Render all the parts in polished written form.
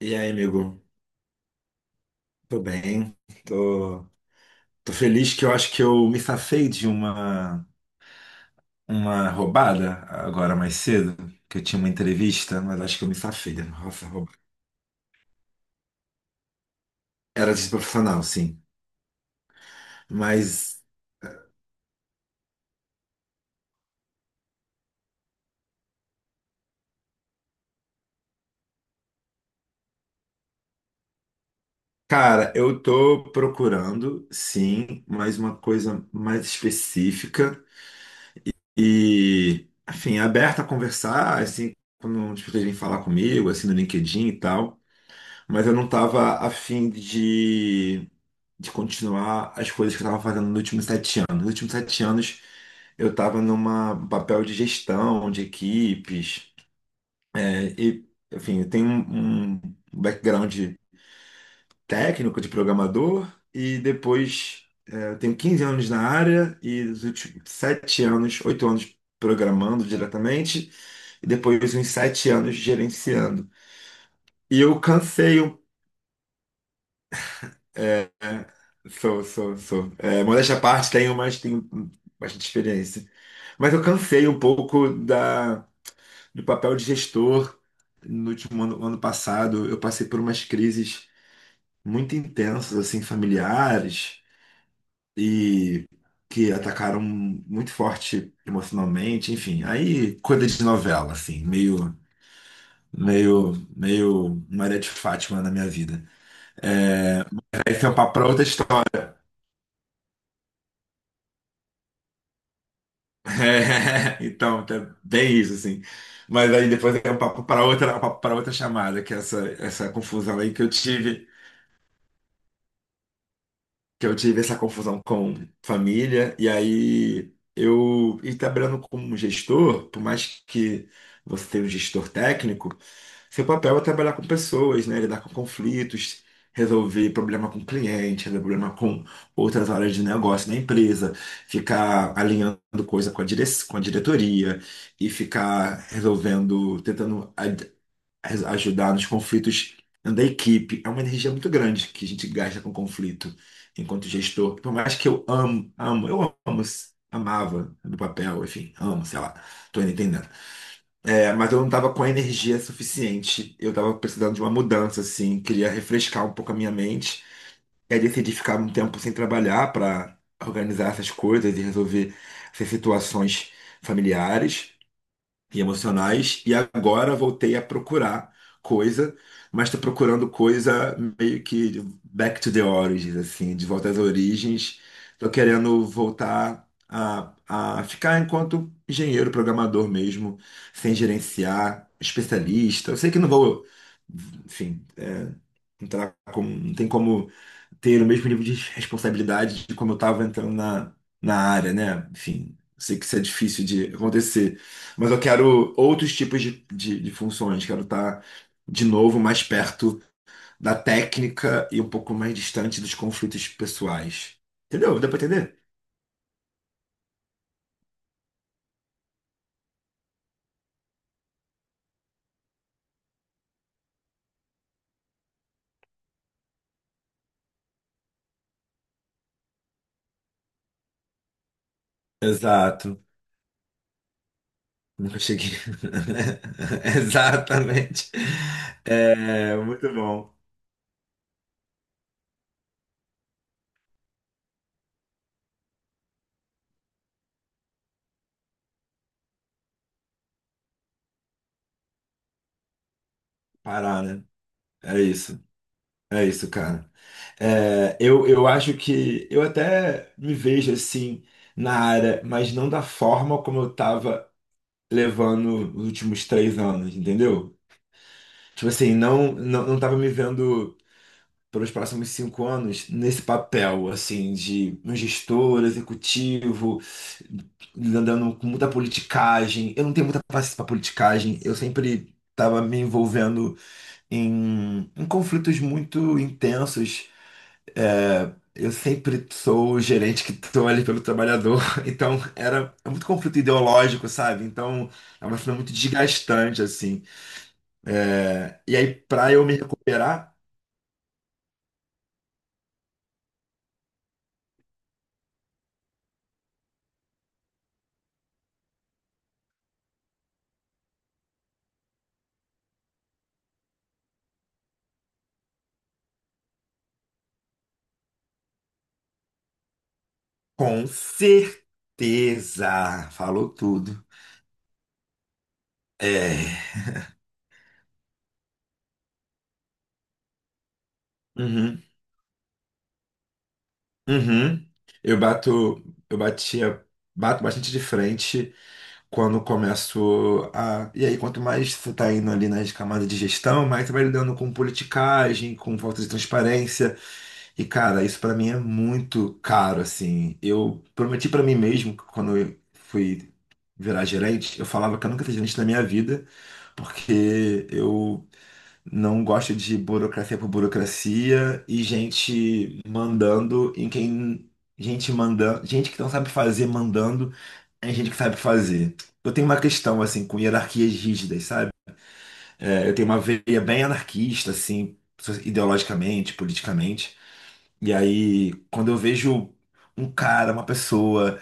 E aí, amigo? Tô bem. Tô, tô feliz que eu acho que eu me safei de uma roubada agora mais cedo, que eu tinha uma entrevista, mas acho que eu me safei. Nossa, roubada. Era desprofissional, sim. Mas, cara, eu tô procurando, sim, mais uma coisa mais específica e, enfim, aberta a conversar, assim, quando as pessoas vêm falar comigo, assim, no LinkedIn e tal. Mas eu não tava afim de continuar as coisas que eu estava fazendo nos últimos 7 anos. Nos últimos sete anos, eu estava numa um papel de gestão de equipes, né? E, enfim, eu tenho um background técnico de programador e depois eu tenho 15 anos na área e os últimos 7 anos, 8 anos programando diretamente e depois uns 7 anos gerenciando. E eu cansei um É, sou, sou, sou. É, modéstia à parte, tenho, mas tenho bastante experiência. Mas eu cansei um pouco da, do papel de gestor no último ano, ano passado. Eu passei por umas crises muito intensas, assim, familiares, e que atacaram muito forte emocionalmente. Enfim, aí coisa de novela, assim, meio, Maria de Fátima na minha vida. Esse é um papo para outra história. É, então, tá bem isso, assim. Mas aí depois é um papo para outra, chamada, que é essa confusão aí que eu tive. Que eu tive essa confusão com família, e aí e trabalhando como gestor, por mais que você tenha um gestor técnico, seu papel é trabalhar com pessoas, né? Lidar com conflitos, resolver problema com cliente, resolver problema com outras áreas de negócio na empresa, ficar alinhando coisa com a diretoria e ficar resolvendo, tentando ajudar nos conflitos da equipe. É uma energia muito grande que a gente gasta com conflito enquanto gestor. Por mais que eu amo, eu amo, amava no papel, enfim, amo, sei lá, tô entendendo. É, mas eu não tava com a energia suficiente. Eu tava precisando de uma mudança, assim, queria refrescar um pouco a minha mente. E aí decidi ficar um tempo sem trabalhar para organizar essas coisas e resolver essas situações familiares e emocionais, e agora voltei a procurar coisa, mas estou procurando coisa meio que back to the origins, assim, de volta às origens. Estou querendo voltar a ficar enquanto engenheiro, programador mesmo, sem gerenciar, especialista. Eu sei que não vou, enfim, entrar com, não tem como ter o mesmo nível de responsabilidade de como eu estava entrando na área, né? Enfim, sei que isso é difícil de acontecer, mas eu quero outros tipos de funções, quero estar de novo mais perto da técnica e um pouco mais distante dos conflitos pessoais. Entendeu? Deu para entender? Exato. Nunca cheguei. Exatamente. É, muito bom parar, né? É isso. É isso, cara. É, eu acho que eu até me vejo assim na área, mas não da forma como eu tava levando os últimos 3 anos, entendeu? Tipo assim, não, não tava me vendo pelos próximos 5 anos nesse papel, assim, de um gestor, executivo, andando com muita politicagem. Eu não tenho muita paciência pra politicagem, eu sempre. Estava me envolvendo em conflitos muito intensos. É, eu sempre sou o gerente que estou ali pelo trabalhador, então era é muito conflito ideológico, sabe? Então é uma cena muito desgastante, assim. É, e aí, pra eu me recuperar, com certeza, falou tudo. É, uhum, uhum. Eu bato, eu batia, bato bastante de frente quando começo a. E aí, quanto mais você tá indo ali nas camadas de gestão, mais você vai lidando com politicagem, com falta de transparência. E, cara, isso pra mim é muito caro, assim. Eu prometi pra mim mesmo que, quando eu fui virar gerente, eu falava que eu nunca ia ser gerente na minha vida, porque eu não gosto de burocracia por burocracia e gente mandando em quem... Gente mandando... Gente que não sabe fazer mandando em gente que sabe fazer. Eu tenho uma questão, assim, com hierarquias rígidas, sabe? É, eu tenho uma veia bem anarquista, assim, ideologicamente, politicamente. E aí, quando eu vejo um cara, uma pessoa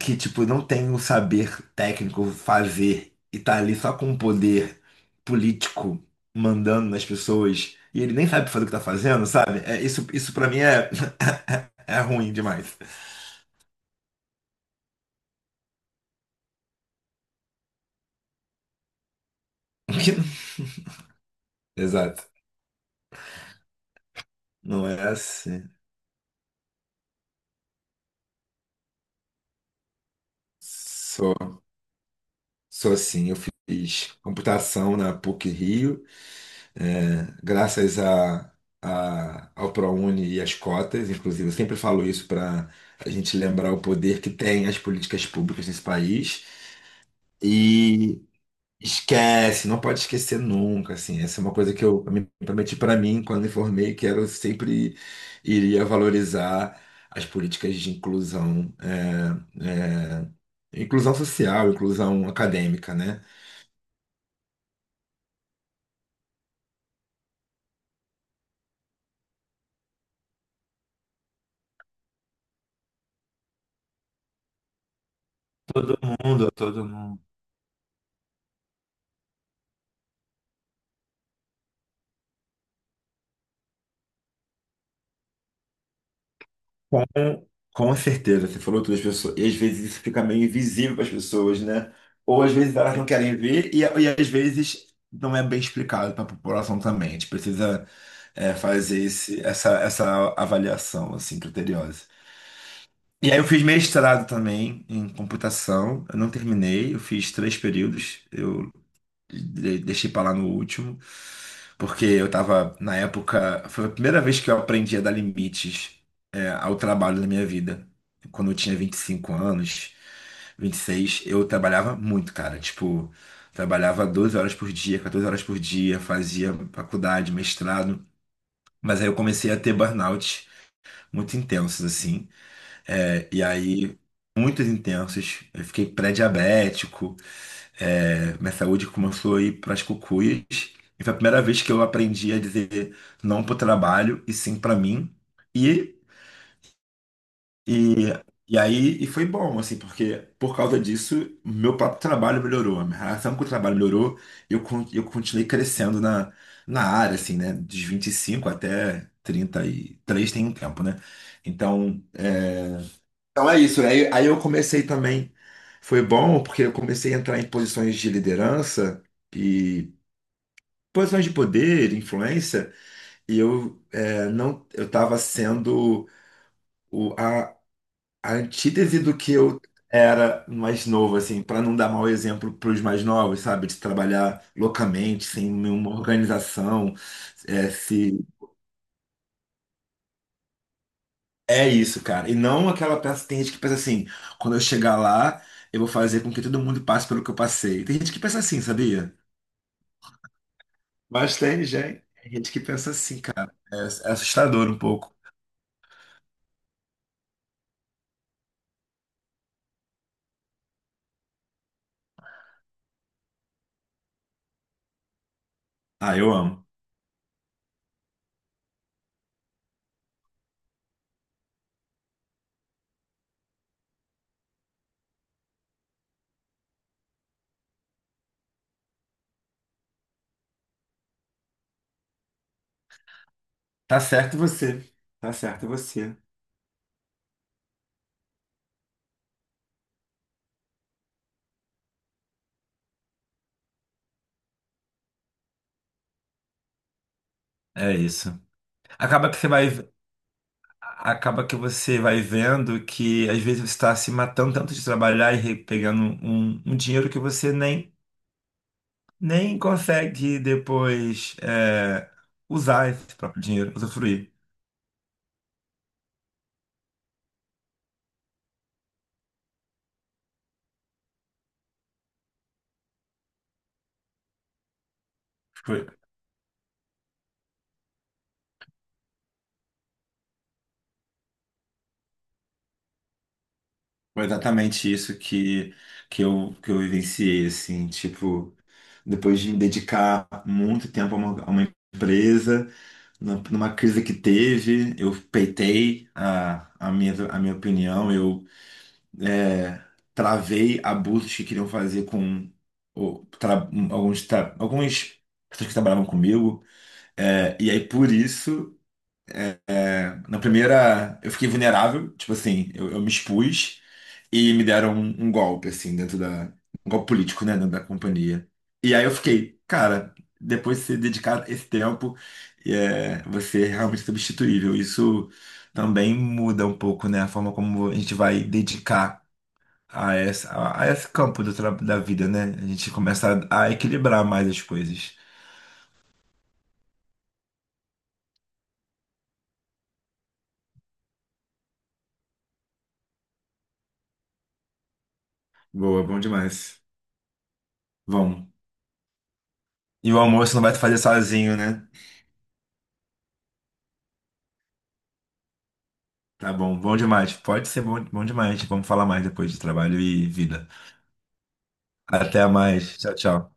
que, tipo, não tem um saber técnico fazer e tá ali só com um poder político mandando nas pessoas, e ele nem sabe fazer o que tá fazendo, sabe? É, isso, pra mim é, é ruim demais. Exato. Não é assim. Sou, sou assim. Eu fiz computação na PUC-Rio. Graças a, ao ProUni e às cotas, inclusive, eu sempre falo isso para a gente lembrar o poder que tem as políticas públicas nesse país. E esquece, não pode esquecer nunca, assim, essa é uma coisa que eu me prometi para mim quando me formei, que era eu sempre iria valorizar as políticas de inclusão, inclusão social, inclusão acadêmica, né? Todo mundo, todo mundo. Com, com certeza, você falou todas as pessoas, e às vezes isso fica meio invisível para as pessoas, né? Ou às vezes elas não querem ver, e às vezes não é bem explicado para a população também. A gente precisa fazer esse, essa avaliação assim, criteriosa. E aí eu fiz mestrado também em computação, eu não terminei, eu fiz três períodos. Eu deixei pra lá no último, porque eu tava, na época, foi a primeira vez que eu aprendi a dar limites, ao trabalho na minha vida. Quando eu tinha 25 anos, 26, eu trabalhava muito, cara. Tipo, trabalhava 12 horas por dia, 14 horas por dia, fazia faculdade, mestrado. Mas aí eu comecei a ter burnout muito intensos, assim. É, e aí, muitos intensos. Eu fiquei pré-diabético. É, minha saúde começou a ir para as cucuias. E foi a primeira vez que eu aprendi a dizer não para o trabalho e sim para mim. E, e, e aí e foi bom, assim, porque por causa disso, meu próprio trabalho melhorou, a minha relação com o trabalho melhorou e eu continuei crescendo na área, assim, né? Dos 25 até 33 tem um tempo, né? Então. Então é isso. Aí eu comecei também. Foi bom porque eu comecei a entrar em posições de liderança e posições de poder, influência, e eu é, não eu estava sendo o, a antítese do que eu era mais novo, assim, para não dar mau exemplo para os mais novos, sabe? De trabalhar loucamente, sem nenhuma organização. É isso, cara. E não aquela peça. Tem gente que pensa assim, quando eu chegar lá, eu vou fazer com que todo mundo passe pelo que eu passei. Tem gente que pensa assim, sabia? Mas tem gente, que pensa assim, cara. É, é assustador um pouco. Ah, eu amo. Tá certo você. Tá certo você. É isso. Acaba que você vai, acaba que você vai vendo que às vezes você está se matando tanto de trabalhar e pegando um dinheiro que você nem, consegue depois usar esse próprio dinheiro, usufruir. Foi, foi exatamente isso que eu vivenciei, assim, tipo, depois de me dedicar muito tempo a uma empresa, numa crise que teve, eu peitei a, a minha opinião, eu é, travei abusos que queriam fazer com alguns pessoas que trabalhavam comigo, e aí por isso, na primeira, eu fiquei vulnerável, tipo assim, eu me expus, e me deram um golpe, assim, dentro da. Um golpe político, né, dentro da companhia. E aí eu fiquei, cara, depois de se dedicar esse tempo, você é realmente substituível. Isso também muda um pouco, né, a forma como a gente vai dedicar a esse campo da vida, né? A gente começa a equilibrar mais as coisas. Boa, bom demais. Bom. E o almoço não vai fazer sozinho, né? Tá bom, bom demais. Pode ser bom, bom demais. Vamos falar mais depois de trabalho e vida. Até mais. Tchau, tchau.